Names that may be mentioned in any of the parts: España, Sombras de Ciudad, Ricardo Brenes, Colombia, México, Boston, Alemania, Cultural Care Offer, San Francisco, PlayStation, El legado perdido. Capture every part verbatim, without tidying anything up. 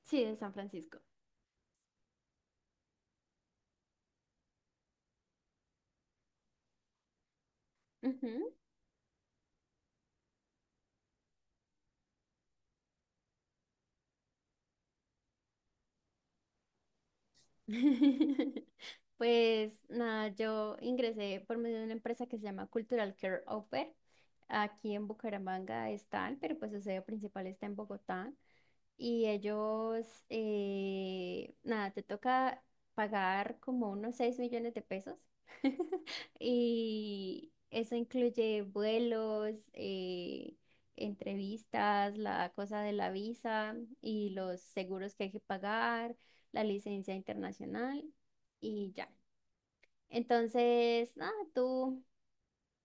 Sí, de San Francisco. Ujú. Pues nada, yo ingresé por medio de una empresa que se llama Cultural Care Offer. Aquí en Bucaramanga están, pero pues su sede principal está en Bogotá. Y ellos, eh, nada, te toca pagar como unos seis millones de pesos. Y eso incluye vuelos, eh, entrevistas, la cosa de la visa y los seguros que hay que pagar, la licencia internacional y ya. Entonces, nada, tú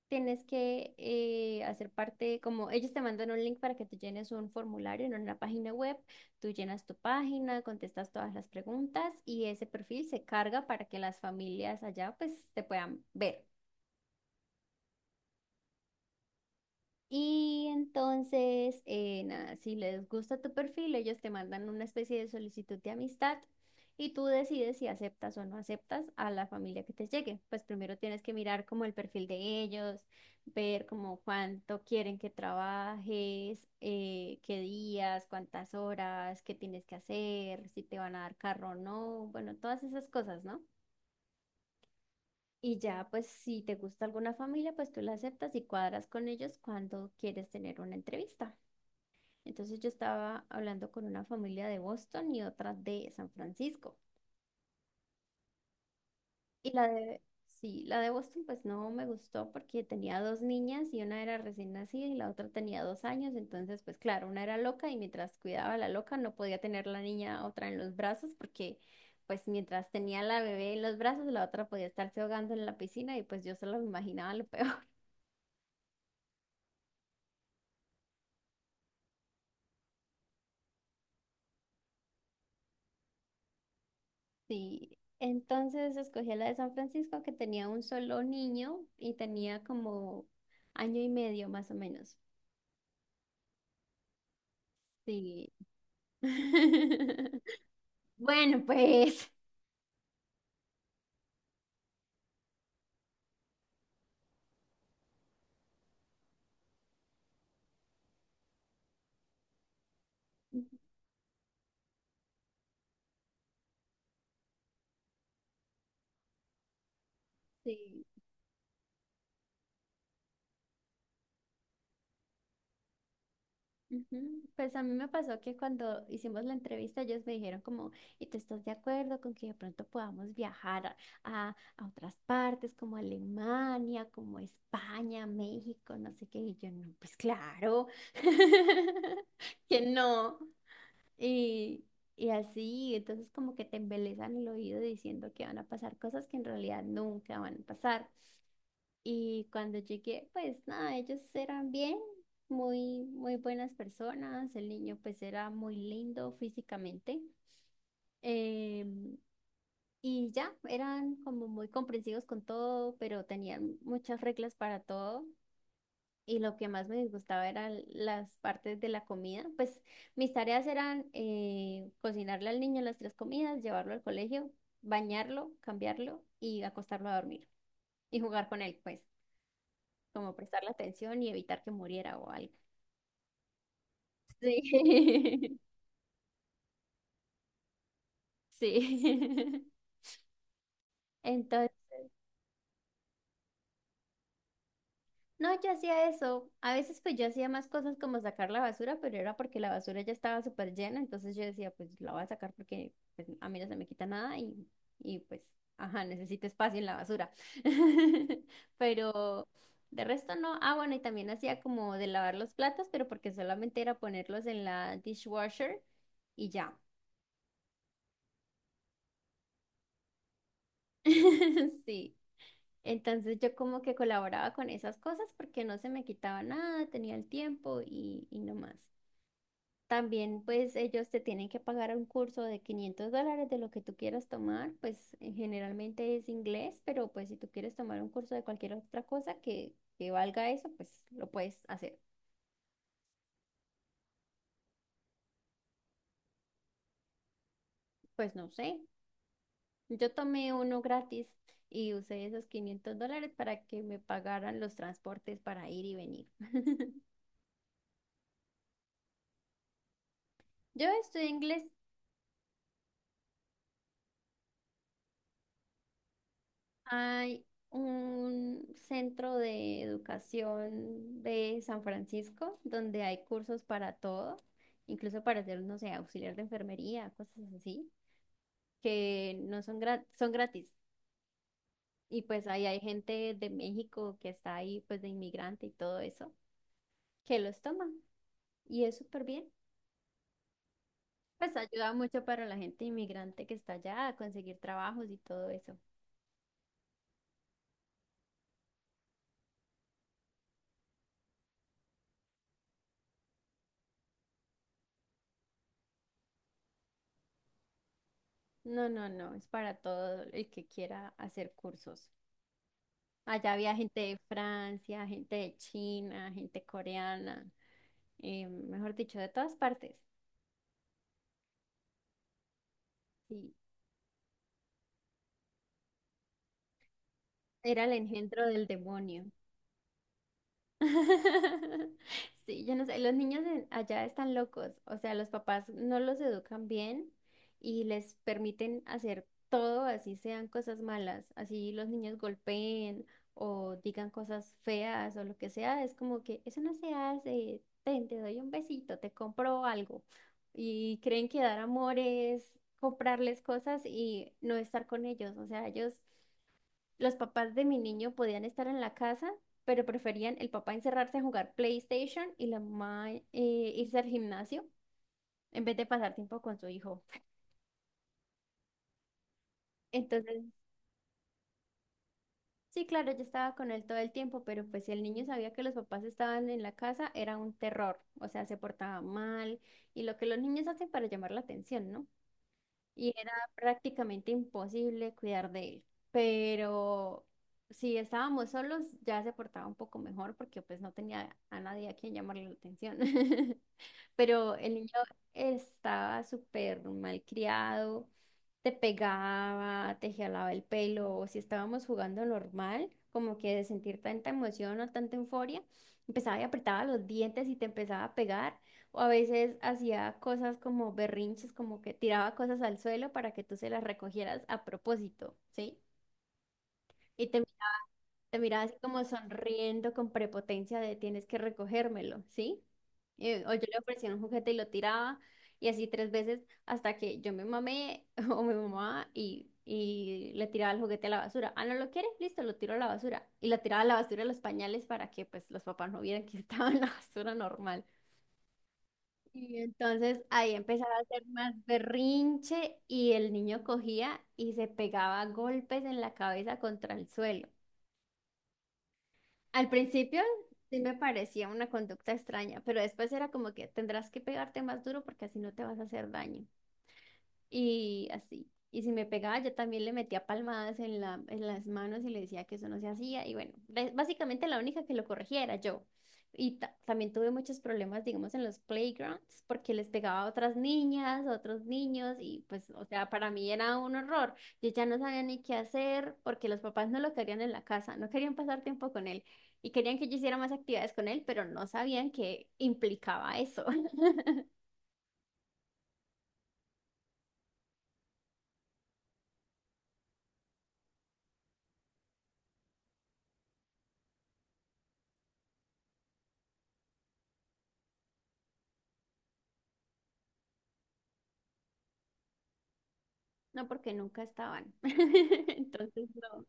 tienes que eh, hacer parte, como ellos te mandan un link para que tú llenes un formulario en una página web, tú llenas tu página, contestas todas las preguntas y ese perfil se carga para que las familias allá pues te puedan ver. Y entonces, eh, nada, si les gusta tu perfil, ellos te mandan una especie de solicitud de amistad y tú decides si aceptas o no aceptas a la familia que te llegue. Pues primero tienes que mirar como el perfil de ellos, ver como cuánto quieren que trabajes, eh, qué días, cuántas horas, qué tienes que hacer, si te van a dar carro o no, bueno, todas esas cosas, ¿no? Y ya, pues si te gusta alguna familia, pues tú la aceptas y cuadras con ellos cuando quieres tener una entrevista. Entonces yo estaba hablando con una familia de Boston y otra de San Francisco. Y la de, sí, la de Boston pues no me gustó porque tenía dos niñas y una era recién nacida y la otra tenía dos años. Entonces pues claro, una era loca y mientras cuidaba a la loca no podía tener la niña otra en los brazos porque pues mientras tenía la bebé en los brazos la otra podía estarse ahogando en la piscina y pues yo solo me imaginaba lo peor. Sí, entonces escogí la de San Francisco que tenía un solo niño y tenía como año y medio más o menos. Sí. Bueno, pues. Sí. Ujú. Pues a mí me pasó que cuando hicimos la entrevista ellos me dijeron como, ¿y tú estás de acuerdo con que de pronto podamos viajar a, a- a otras partes como Alemania, como España, México, no sé qué? Y yo no, pues claro, que no. Y, y así, entonces como que te embelezan el oído diciendo que van a pasar cosas que en realidad nunca van a pasar. Y cuando llegué, pues nada, ellos eran bien, muy, muy buenas personas. El niño pues era muy lindo físicamente. em, y ya, eran como muy comprensivos con todo, pero tenían muchas reglas para todo. Y lo que más me disgustaba eran las partes de la comida. Pues mis tareas eran eh, cocinarle al niño las tres comidas, llevarlo al colegio, bañarlo, cambiarlo y acostarlo a dormir. Y jugar con él, pues, como prestarle atención y evitar que muriera o algo. Sí. Sí. Entonces no, yo hacía eso. A veces pues yo hacía más cosas como sacar la basura, pero era porque la basura ya estaba súper llena, entonces yo decía, pues la voy a sacar porque pues, a mí no se me quita nada y, y pues, ajá, necesito espacio en la basura. Pero de resto no. Ah, bueno, y también hacía como de lavar los platos, pero porque solamente era ponerlos en la dishwasher y ya. Sí. Entonces yo como que colaboraba con esas cosas porque no se me quitaba nada, tenía el tiempo y, y no más. También, pues ellos te tienen que pagar un curso de quinientos dólares de lo que tú quieras tomar, pues eh, generalmente es inglés, pero pues si tú quieres tomar un curso de cualquier otra cosa que, que valga eso, pues lo puedes hacer. Pues no sé, yo tomé uno gratis y usé esos quinientos dólares para que me pagaran los transportes para ir y venir. Yo estudié inglés. Hay un centro de educación de San Francisco donde hay cursos para todo, incluso para ser, no sé, auxiliar de enfermería, cosas así, que no son gratis, son gratis. Y pues ahí hay gente de México que está ahí, pues de inmigrante y todo eso, que los toman. Y es súper bien. Pues ayuda mucho para la gente inmigrante que está allá a conseguir trabajos y todo eso. No, no, no, es para todo el que quiera hacer cursos. Allá había gente de Francia, gente de China, gente coreana, eh, mejor dicho, de todas partes. Sí, era el engendro del demonio. Sí, yo no sé, los niños en- allá están locos, o sea, los papás no los educan bien y les permiten hacer todo, así sean cosas malas, así los niños golpeen o digan cosas feas o lo que sea, es como que eso no se hace, ten, te doy un besito, te compro algo y creen que dar amor es comprarles cosas y no estar con ellos, o sea, ellos... Los papás de mi niño podían estar en la casa, pero preferían el papá encerrarse a jugar PlayStation y la mamá eh, irse al gimnasio en vez de pasar tiempo con su hijo. Entonces, sí, claro, yo estaba con él todo el tiempo, pero pues si el niño sabía que los papás estaban en la casa, era un terror. O sea, se portaba mal y lo que los niños hacen para llamar la atención, ¿no? Y era prácticamente imposible cuidar de él. Pero si estábamos solos, ya se portaba un poco mejor porque pues no tenía a nadie a quien llamarle la atención. Pero el niño estaba súper mal criado, te pegaba, te jalaba el pelo, o si estábamos jugando normal, como que de sentir tanta emoción o tanta euforia, empezaba y apretaba los dientes y te empezaba a pegar, o a veces hacía cosas como berrinches, como que tiraba cosas al suelo para que tú se las recogieras a propósito, ¿sí? Y te te miraba así como sonriendo con prepotencia de tienes que recogérmelo, ¿sí? Eh, o yo le ofrecía un juguete y lo tiraba y así tres veces hasta que yo me mamé o mi mamá y, y le tiraba el juguete a la basura. Ah, ¿no lo quiere? Listo, lo tiro a la basura. Y la tiraba a la basura de los pañales para que pues los papás no vieran que estaba en la basura normal. Y entonces ahí empezaba a hacer más berrinche y el niño cogía y se pegaba a golpes en la cabeza contra el suelo. Al principio sí me parecía una conducta extraña, pero después era como que tendrás que pegarte más duro porque así no te vas a hacer daño y así. Y si me pegaba, yo también le metía palmadas en la, en las manos y le decía que eso no se hacía. Y bueno, bas- básicamente la única que lo corregía era yo. Y ta- también tuve muchos problemas, digamos, en los playgrounds, porque les pegaba a otras niñas, a otros niños, y pues, o sea, para mí era un horror. Yo ya no sabía ni qué hacer, porque los papás no lo querían en la casa, no querían pasar tiempo con él, y querían que yo hiciera más actividades con él, pero no sabían que implicaba eso. No porque nunca estaban. Entonces, no.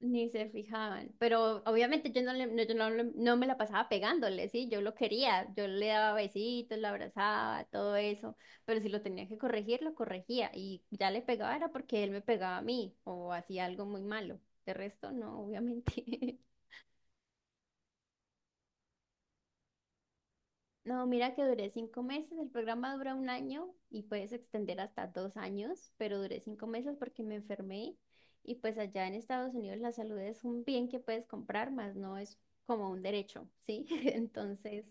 Ni se fijaban, pero obviamente yo no, le- no- yo no, le- no me la pasaba pegándole, sí, yo lo quería, yo le daba besitos, lo abrazaba, todo eso, pero si lo tenía que corregir, lo corregía y ya le pegaba era porque él me pegaba a mí o hacía algo muy malo, de resto no, obviamente. No, mira que duré cinco meses, el programa dura un año y puedes extender hasta dos años, pero duré cinco meses porque me enfermé y pues allá en Estados Unidos la salud es un bien que puedes comprar, más no es como un derecho, ¿sí? Entonces,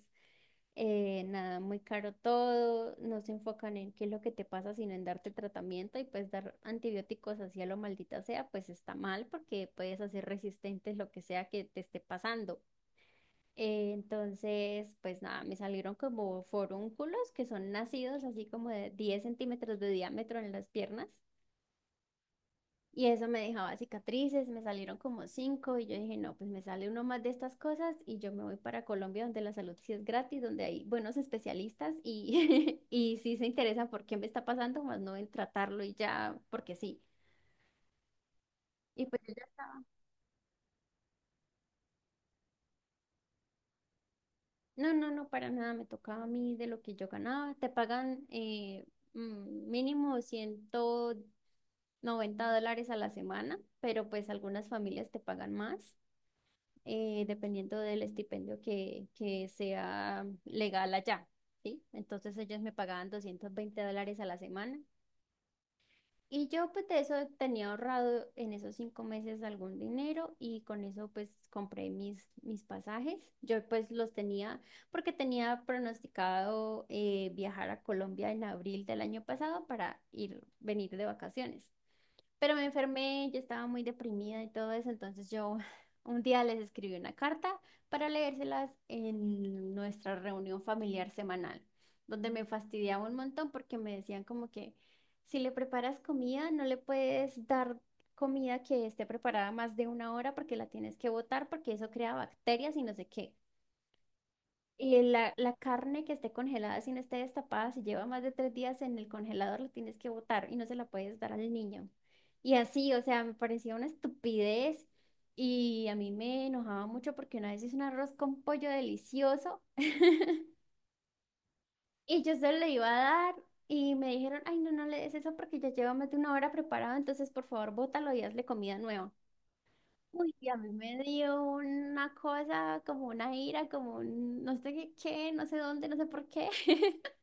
eh, nada, muy caro todo, no se enfocan en qué es lo que te pasa, sino en darte tratamiento y pues dar antibióticos así a lo maldita sea, pues está mal porque puedes hacer resistentes lo que sea que te esté pasando. Eh, entonces, pues nada, me salieron como forúnculos que son nacidos así como de diez centímetros de diámetro en las piernas. Y eso me dejaba cicatrices, me salieron como cinco y yo dije, no, pues me sale uno más de estas cosas y yo me voy para Colombia donde la salud sí es gratis, donde hay buenos especialistas y, y sí se interesan por qué me está pasando, más no en tratarlo y ya, porque sí. Y pues yo ya, no, no, no, para nada, me tocaba a mí de lo que yo ganaba. Te pagan eh, mm, mínimo ciento noventa dólares a la semana, pero pues algunas familias te pagan más, eh, dependiendo del estipendio que, que sea legal allá, ¿sí? Entonces ellos me pagaban doscientos veinte dólares a la semana. Y yo pues de eso tenía ahorrado en esos cinco meses algún dinero y con eso pues compré mis, mis pasajes. Yo pues los tenía porque tenía pronosticado eh, viajar a Colombia en abril del año pasado para ir, venir de vacaciones. Pero me enfermé, yo estaba muy deprimida y todo eso, entonces yo un día les escribí una carta para leérselas en nuestra reunión familiar semanal, donde me fastidiaba un montón porque me decían como que si le preparas comida, no le puedes dar comida que esté preparada más de una hora porque la tienes que botar porque eso crea bacterias y no sé qué. Y la, la carne que esté congelada, si no esté destapada, si lleva más de tres días en el congelador, la tienes que botar y no se la puedes dar al niño. Y así, o sea, me parecía una estupidez y a mí me enojaba mucho porque una vez hice un arroz con pollo delicioso y yo se lo iba a dar y me dijeron, ay, no, no le des eso porque ya lleva más de una hora preparado, entonces por favor bótalo y hazle comida nueva. Uy, y a mí me dio una cosa, como una ira, como un no sé qué, qué, no sé dónde, no sé por qué.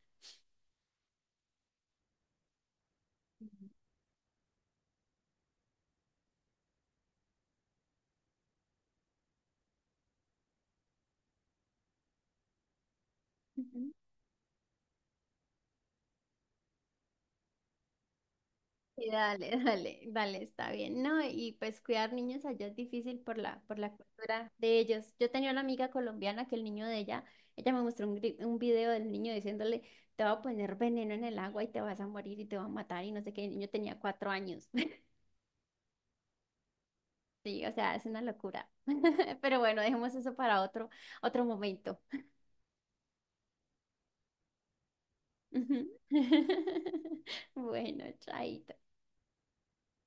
Ujú. Y dale, dale, dale, está bien, ¿no? Y pues cuidar niños allá es difícil por la, por la cultura de ellos. Yo tenía una amiga colombiana que el niño de ella, ella me mostró un, gri- un video del niño diciéndole, te va a poner veneno en el agua y te vas a morir y te va a matar y no sé qué. El niño tenía cuatro años. Sí, o sea, es una locura. Pero bueno, dejemos eso para otro, otro momento. Ujú. Bueno, chaito.